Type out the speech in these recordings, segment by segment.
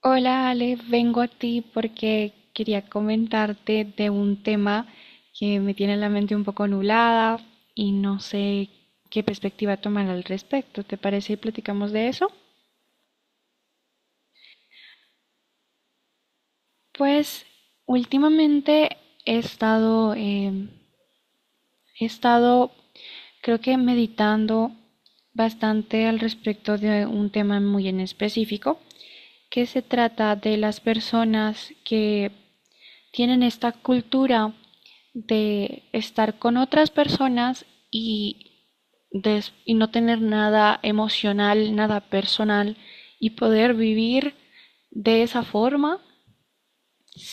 Hola Ale, vengo a ti porque quería comentarte de un tema que me tiene la mente un poco nublada y no sé qué perspectiva tomar al respecto. ¿Te parece y platicamos de eso? Pues últimamente he estado, em, he estado, creo que meditando bastante al respecto de un tema muy en específico, que se trata de las personas que tienen esta cultura de estar con otras personas y no tener nada emocional, nada personal y poder vivir de esa forma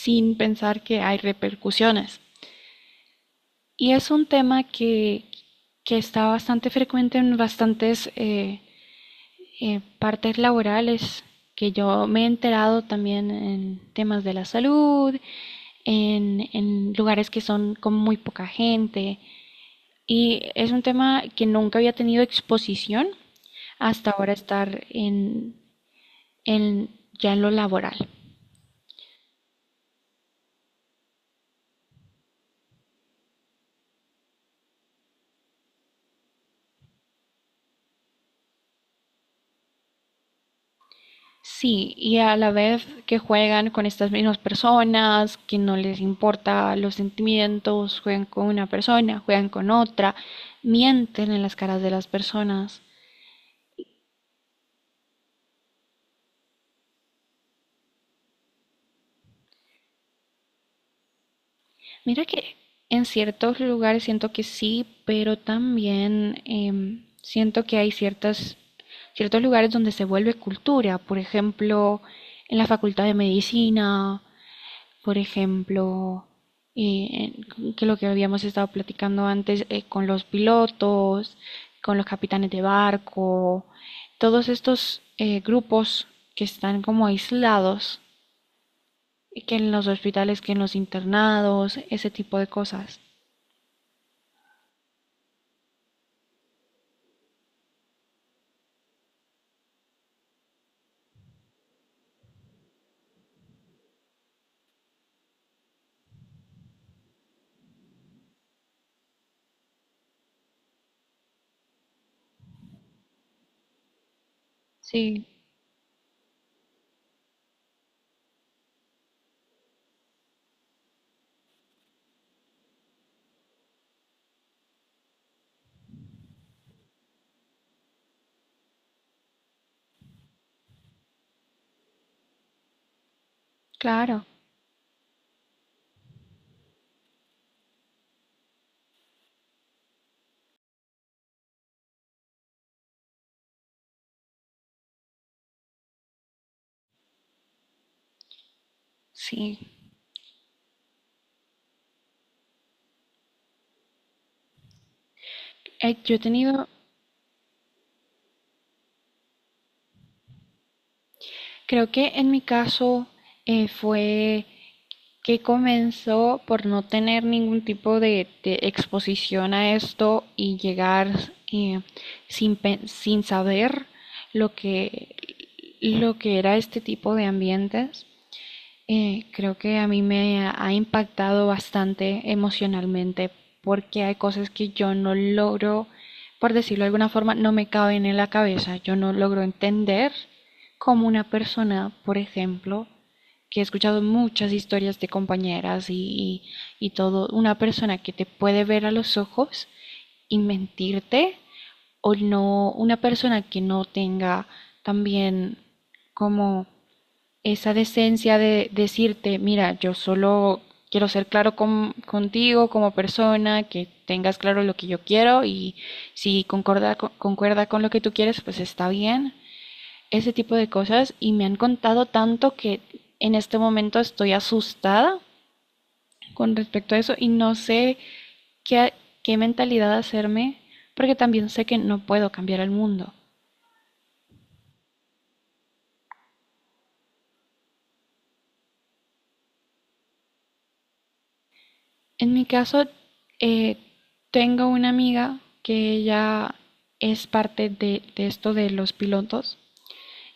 sin pensar que hay repercusiones. Y es un tema que está bastante frecuente en bastantes partes laborales que yo me he enterado también en temas de la salud, lugares que son con muy poca gente. Y es un tema que nunca había tenido exposición hasta ahora estar en, ya en lo laboral. Sí, y a la vez que juegan con estas mismas personas, que no les importa los sentimientos, juegan con una persona, juegan con otra, mienten en las caras de las personas. Mira que en ciertos lugares siento que sí, pero también siento que hay ciertos lugares donde se vuelve cultura. Por ejemplo, en la Facultad de Medicina, por ejemplo, que lo que habíamos estado platicando antes con los pilotos, con los capitanes de barco, todos estos grupos que están como aislados, y que en los hospitales, que en los internados, ese tipo de cosas. Sí, claro, sí. Eh, yo he tenido, creo que en mi caso fue que comenzó por no tener ningún tipo de exposición a esto y llegar eh, sin saber lo que, lo que era este tipo de ambientes. Creo que a mí me ha impactado bastante emocionalmente porque hay cosas que yo no logro, por decirlo de alguna forma, no me caben en la cabeza. Yo no logro entender cómo una persona, por ejemplo, que he escuchado muchas historias de compañeras y todo, una persona que te puede ver a los ojos y mentirte, o no, una persona que no tenga también como esa decencia de decirte, mira, yo solo quiero ser claro contigo como persona, que tengas claro lo que yo quiero y si concuerda con lo que tú quieres, pues está bien. Ese tipo de cosas y me han contado tanto que en este momento estoy asustada con respecto a eso y no sé qué, qué mentalidad hacerme porque también sé que no puedo cambiar el mundo. En mi caso, eh, tengo una amiga que ella es parte de esto de los pilotos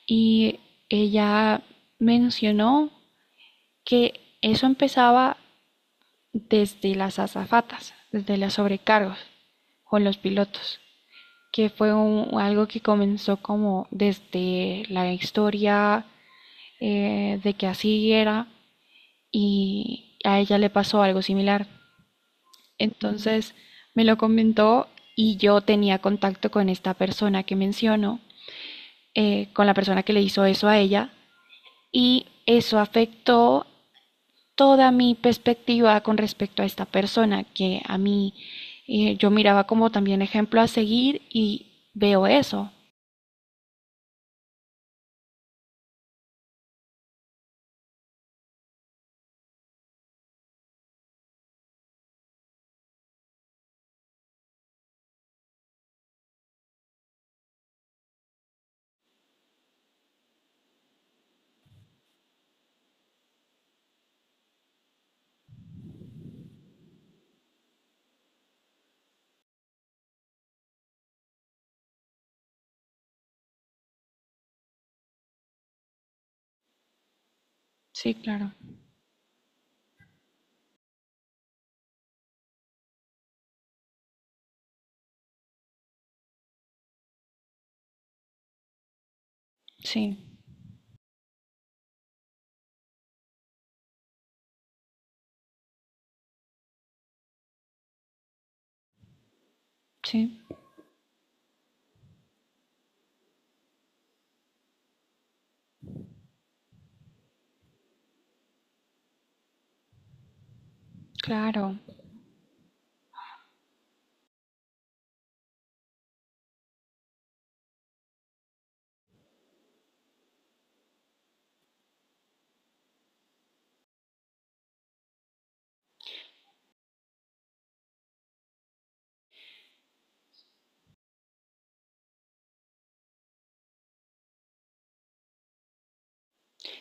y ella mencionó que eso empezaba desde las azafatas, desde los sobrecargos con los pilotos, que fue un- algo que comenzó como desde la historia de que así era y a ella le pasó algo similar. Entonces me lo comentó y yo tenía contacto con esta persona que menciono, con la persona que le hizo eso a ella, y eso afectó toda mi perspectiva con respecto a esta persona que a mí yo miraba como también ejemplo a seguir y veo eso. Sí, claro. Sí, sí, claro.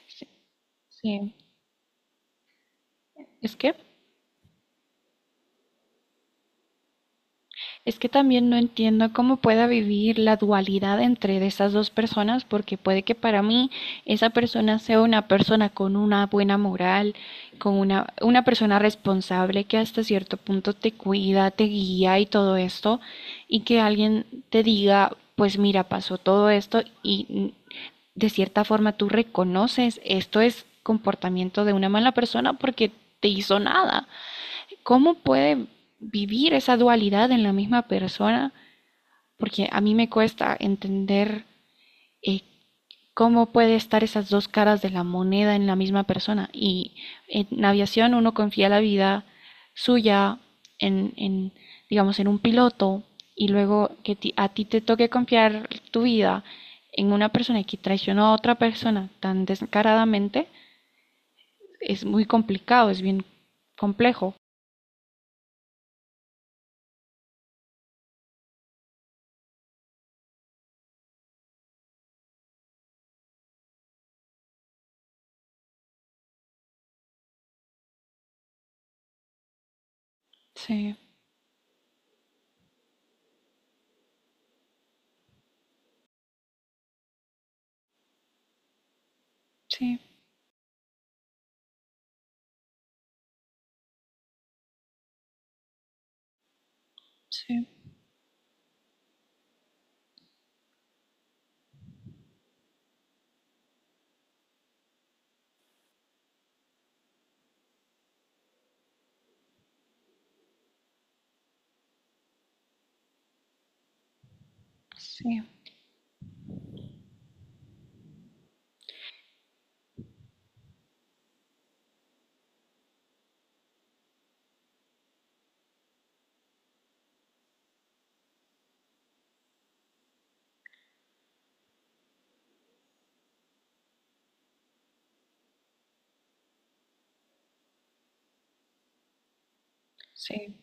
Sí, sí. Es que es que también no entiendo cómo pueda vivir la dualidad entre de esas dos personas, porque puede que para mí esa persona sea una persona con una buena moral, con una persona responsable que hasta cierto punto te cuida, te guía y todo esto, y que alguien te diga, pues mira, pasó todo esto y de cierta forma tú reconoces esto es comportamiento de una mala persona porque te hizo nada. ¿Cómo puede vivir esa dualidad en la misma persona? Porque a mí me cuesta entender eh, cómo puede estar esas dos caras de la moneda en la misma persona. Y en aviación uno confía la vida suya en digamos, en un piloto y luego que a ti te toque confiar tu vida en una persona que traicionó a otra persona tan descaradamente, es muy complicado, es bien complejo. Sí, sí, sí, sí. Sí,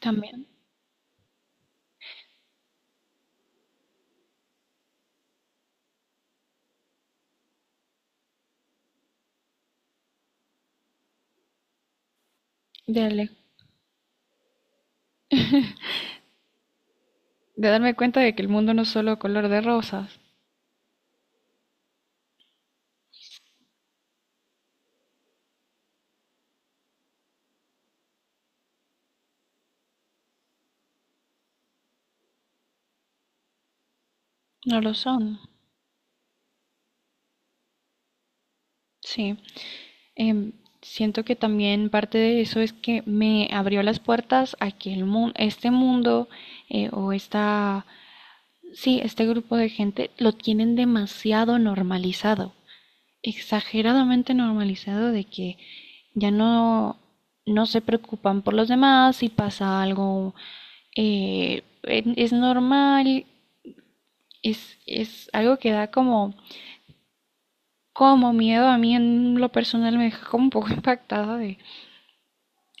también. De, de darme cuenta de que el mundo no es solo color de rosas. No lo son. Sí. Em, Siento que también parte de eso es que me abrió las puertas a que el mundo, este mundo eh, o esta, sí, este grupo de gente lo tienen demasiado normalizado. Exageradamente normalizado de que ya no, no se preocupan por los demás, si pasa algo es normal, es algo que da como, como miedo a mí en lo personal, me deja como un poco impactada de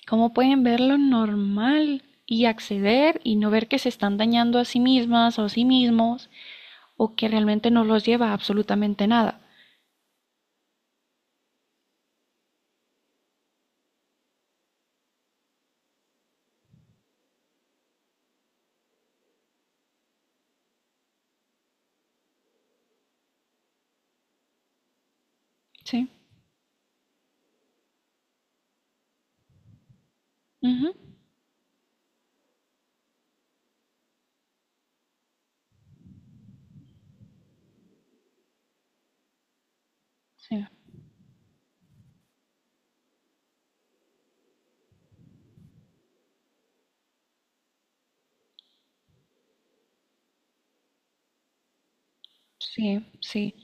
cómo pueden ver lo normal y acceder y no ver que se están dañando a sí mismas o a sí mismos o que realmente no los lleva a absolutamente nada. Sí, ujú, sí, sí, sí,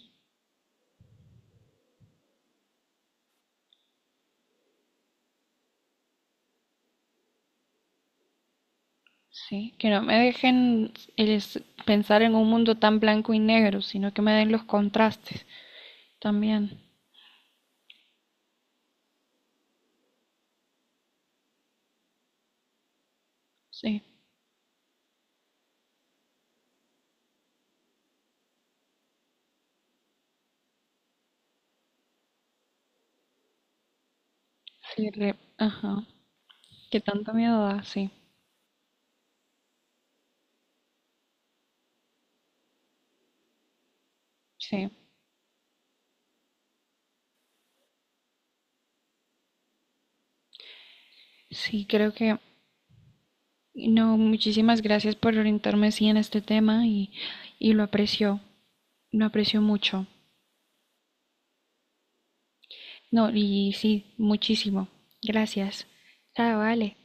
sí. Que no me dejen es, pensar en un mundo tan blanco y negro, sino que me den los contrastes también. Sí, sí, re- ajá. Que tanto miedo da, sí, sí. Sí, creo que no, muchísimas gracias por orientarme así en este tema y lo aprecio mucho. No, y sí, muchísimo. Gracias. Chao, vale.